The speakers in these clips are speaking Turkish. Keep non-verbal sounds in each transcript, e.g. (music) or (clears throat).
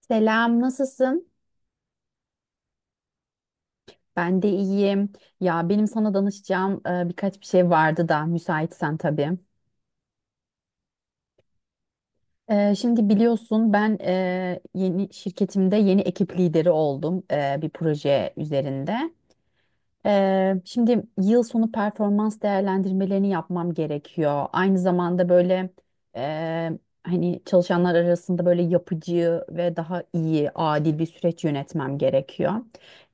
Selam, nasılsın? Ben de iyiyim. Ya benim sana danışacağım birkaç bir şey vardı da müsaitsen tabii. Şimdi biliyorsun ben yeni şirketimde yeni ekip lideri oldum bir proje üzerinde. Şimdi yıl sonu performans değerlendirmelerini yapmam gerekiyor. Aynı zamanda böyle e, hani çalışanlar arasında böyle yapıcı ve daha iyi, adil bir süreç yönetmem gerekiyor.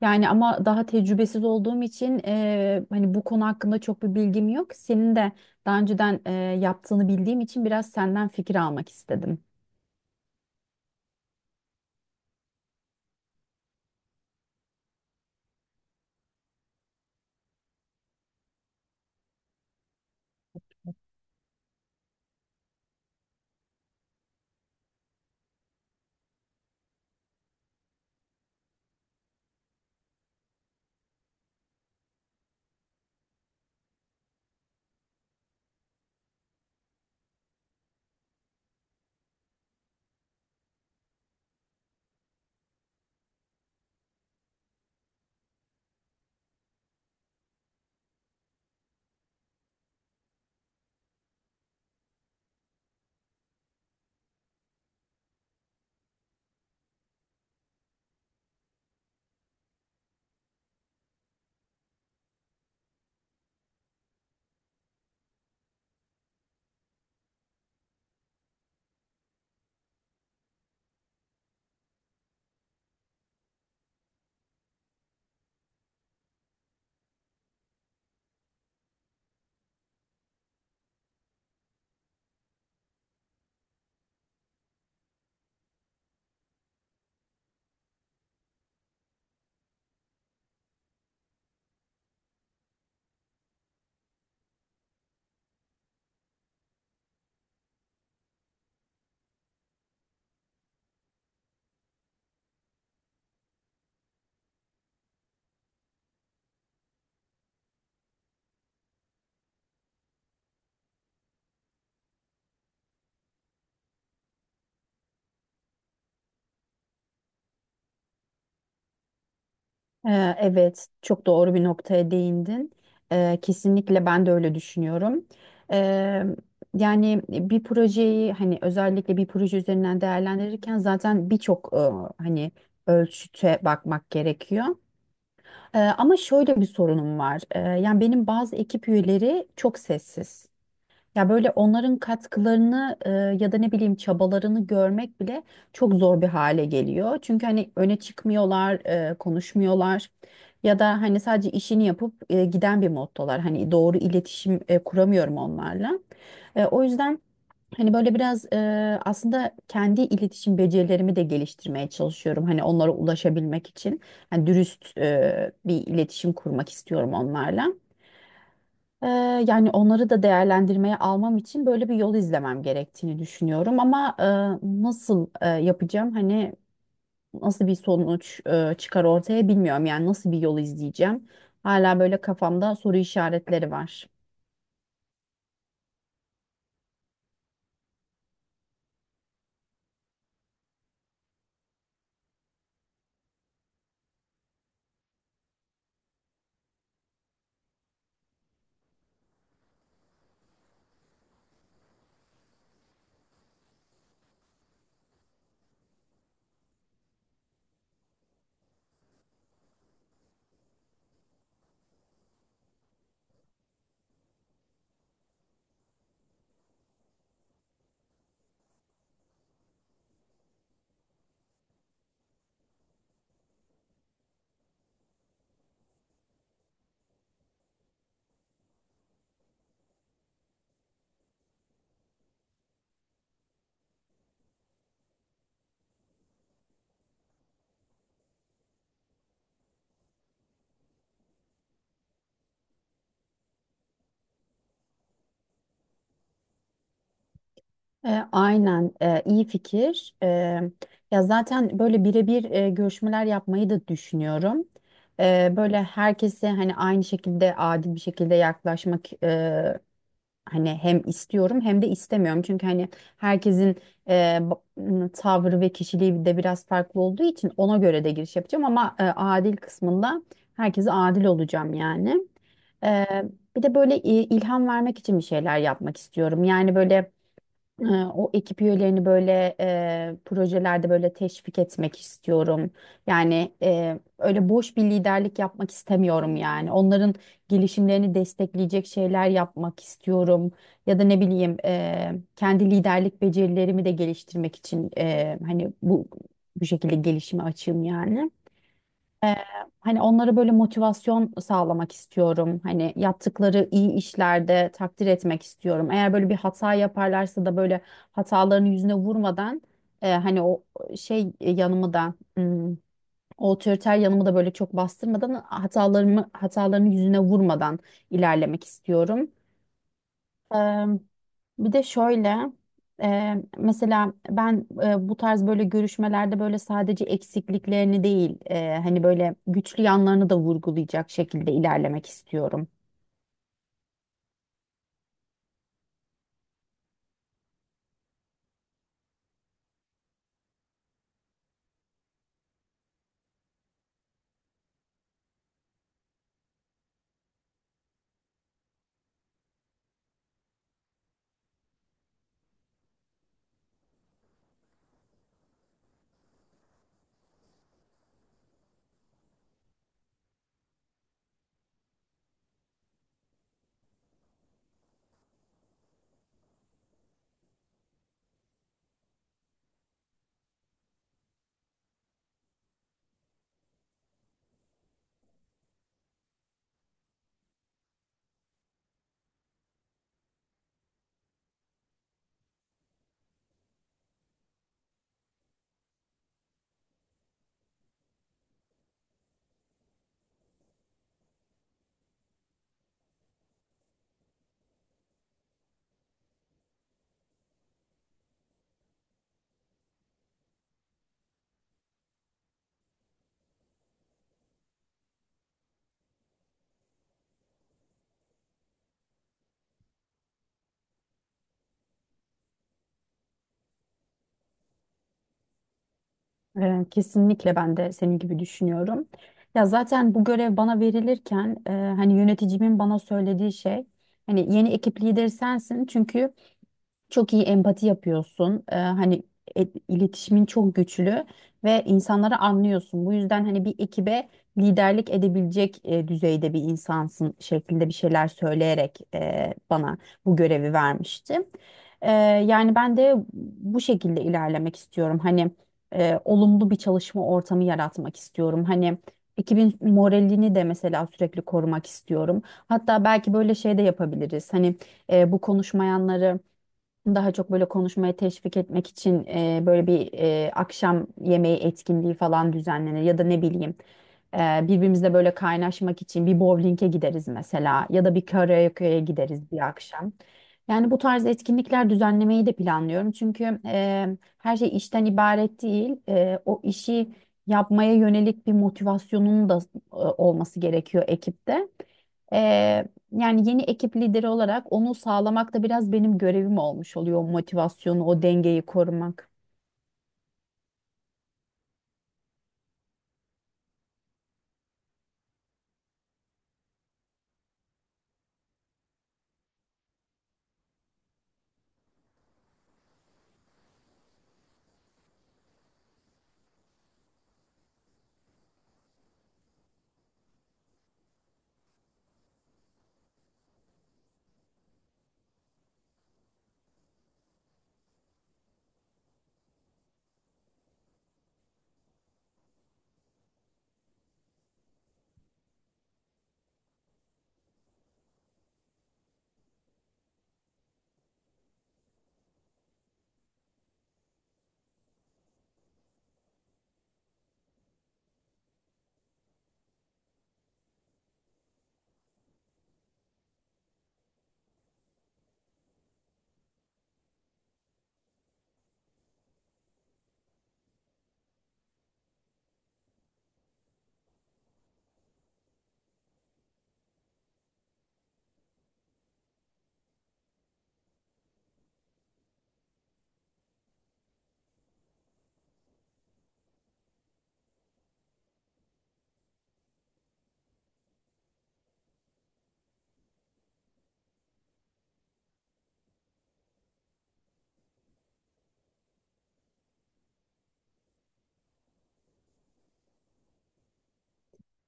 Yani ama daha tecrübesiz olduğum için hani bu konu hakkında çok bir bilgim yok. Senin de daha önceden yaptığını bildiğim için biraz senden fikir almak istedim. Evet, çok doğru bir noktaya değindin. Kesinlikle ben de öyle düşünüyorum. Ee, Yani bir projeyi hani özellikle bir proje üzerinden değerlendirirken zaten birçok hani ölçüte bakmak gerekiyor. Ama şöyle bir sorunum var. Yani benim bazı ekip üyeleri çok sessiz. Ya böyle onların katkılarını ya da ne bileyim çabalarını görmek bile çok zor bir hale geliyor. Çünkü hani öne çıkmıyorlar, konuşmuyorlar ya da hani sadece işini yapıp giden bir moddalar. Hani doğru iletişim kuramıyorum onlarla. O yüzden hani böyle biraz aslında kendi iletişim becerilerimi de geliştirmeye çalışıyorum. Hani onlara ulaşabilmek için hani dürüst bir iletişim kurmak istiyorum onlarla. Ee, Yani onları da değerlendirmeye almam için böyle bir yol izlemem gerektiğini düşünüyorum ama nasıl yapacağım hani nasıl bir sonuç çıkar ortaya bilmiyorum yani nasıl bir yol izleyeceğim hala böyle kafamda soru işaretleri var. Aynen iyi fikir. Ya zaten böyle birebir görüşmeler yapmayı da düşünüyorum. Böyle herkese hani aynı şekilde adil bir şekilde yaklaşmak hani hem istiyorum hem de istemiyorum. Çünkü hani herkesin tavrı ve kişiliği de biraz farklı olduğu için ona göre de giriş yapacağım ama adil kısmında herkese adil olacağım yani. E, Bir de böyle ilham vermek için bir şeyler yapmak istiyorum. Yani böyle ee, o ekip üyelerini böyle projelerde böyle teşvik etmek istiyorum. Yani öyle boş bir liderlik yapmak istemiyorum yani. Onların gelişimlerini destekleyecek şeyler yapmak istiyorum. Ya da ne bileyim kendi liderlik becerilerimi de geliştirmek için hani bu şekilde gelişime açığım yani. Ee, Hani onlara böyle motivasyon sağlamak istiyorum. Hani yaptıkları iyi işlerde takdir etmek istiyorum. Eğer böyle bir hata yaparlarsa da böyle hatalarını yüzüne vurmadan hani o yanımı da o otoriter yanımı da böyle çok bastırmadan hatalarını yüzüne vurmadan ilerlemek istiyorum. Eee, Bir de şöyle mesela ben bu tarz böyle görüşmelerde böyle sadece eksikliklerini değil hani böyle güçlü yanlarını da vurgulayacak şekilde ilerlemek istiyorum. Kesinlikle ben de senin gibi düşünüyorum. Ya zaten bu görev bana verilirken hani yöneticimin bana söylediği şey hani yeni ekip lideri sensin çünkü çok iyi empati yapıyorsun. Hani iletişimin çok güçlü ve insanları anlıyorsun. Bu yüzden hani bir ekibe liderlik edebilecek düzeyde bir insansın şeklinde bir şeyler söyleyerek bana bu görevi vermişti. Ee, Yani ben de bu şekilde ilerlemek istiyorum. Hani olumlu bir çalışma ortamı yaratmak istiyorum. Hani ekibin moralini de mesela sürekli korumak istiyorum. Hatta belki böyle şey de yapabiliriz. Hani bu konuşmayanları daha çok böyle konuşmaya teşvik etmek için böyle bir akşam yemeği etkinliği falan düzenlenir ya da ne bileyim birbirimizle böyle kaynaşmak için bir bowling'e gideriz mesela ya da bir karaoke'ye gideriz bir akşam. Yani bu tarz etkinlikler düzenlemeyi de planlıyorum. Çünkü her şey işten ibaret değil. O işi yapmaya yönelik bir motivasyonun da olması gerekiyor ekipte. E, Yani yeni ekip lideri olarak onu sağlamak da biraz benim görevim olmuş oluyor. O motivasyonu, o dengeyi korumak.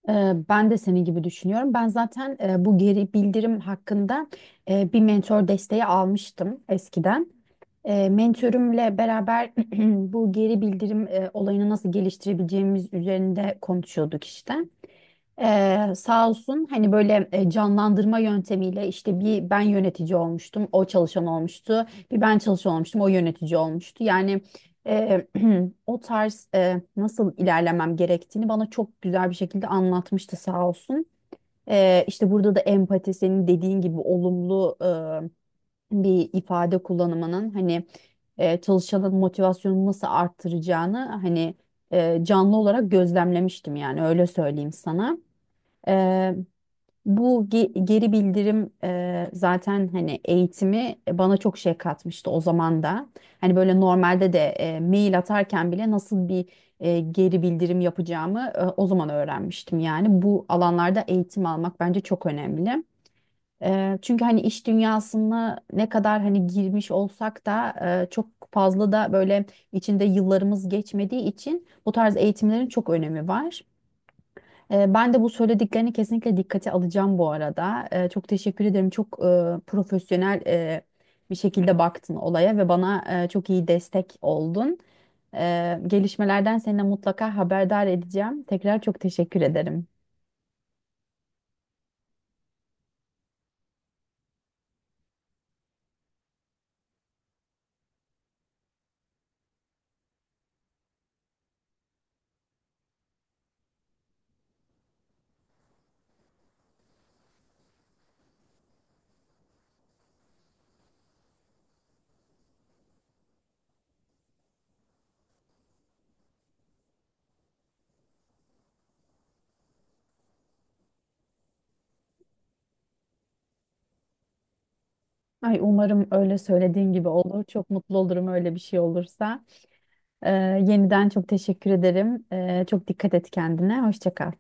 Ben de senin gibi düşünüyorum. Ben zaten bu geri bildirim hakkında bir mentor desteği almıştım eskiden. Mentörümle beraber (clears throat) bu geri bildirim olayını nasıl geliştirebileceğimiz üzerinde konuşuyorduk işte. Sağ olsun hani böyle canlandırma yöntemiyle işte bir ben yönetici olmuştum o çalışan olmuştu bir ben çalışan olmuştum o yönetici olmuştu yani e, (clears throat) o tarz nasıl ilerlemem gerektiğini bana çok güzel bir şekilde anlatmıştı sağ olsun. İşte burada da empati senin dediğin gibi olumlu bir ifade kullanımının hani çalışanın motivasyonunu nasıl arttıracağını hani canlı olarak gözlemlemiştim yani öyle söyleyeyim sana. Eee, Bu geri bildirim zaten hani eğitimi bana çok şey katmıştı o zaman da. Hani böyle normalde de mail atarken bile nasıl bir geri bildirim yapacağımı o zaman öğrenmiştim. Yani bu alanlarda eğitim almak bence çok önemli. Çünkü hani iş dünyasına ne kadar hani girmiş olsak da çok fazla da böyle içinde yıllarımız geçmediği için bu tarz eğitimlerin çok önemi var. Ben de bu söylediklerini kesinlikle dikkate alacağım bu arada. Çok teşekkür ederim. Çok profesyonel bir şekilde baktın olaya ve bana çok iyi destek oldun. Gelişmelerden seninle mutlaka haberdar edeceğim. Tekrar çok teşekkür ederim. Ay umarım öyle söylediğin gibi olur. Çok mutlu olurum öyle bir şey olursa. Ee, Yeniden çok teşekkür ederim. Çok dikkat et kendine. Hoşça kal.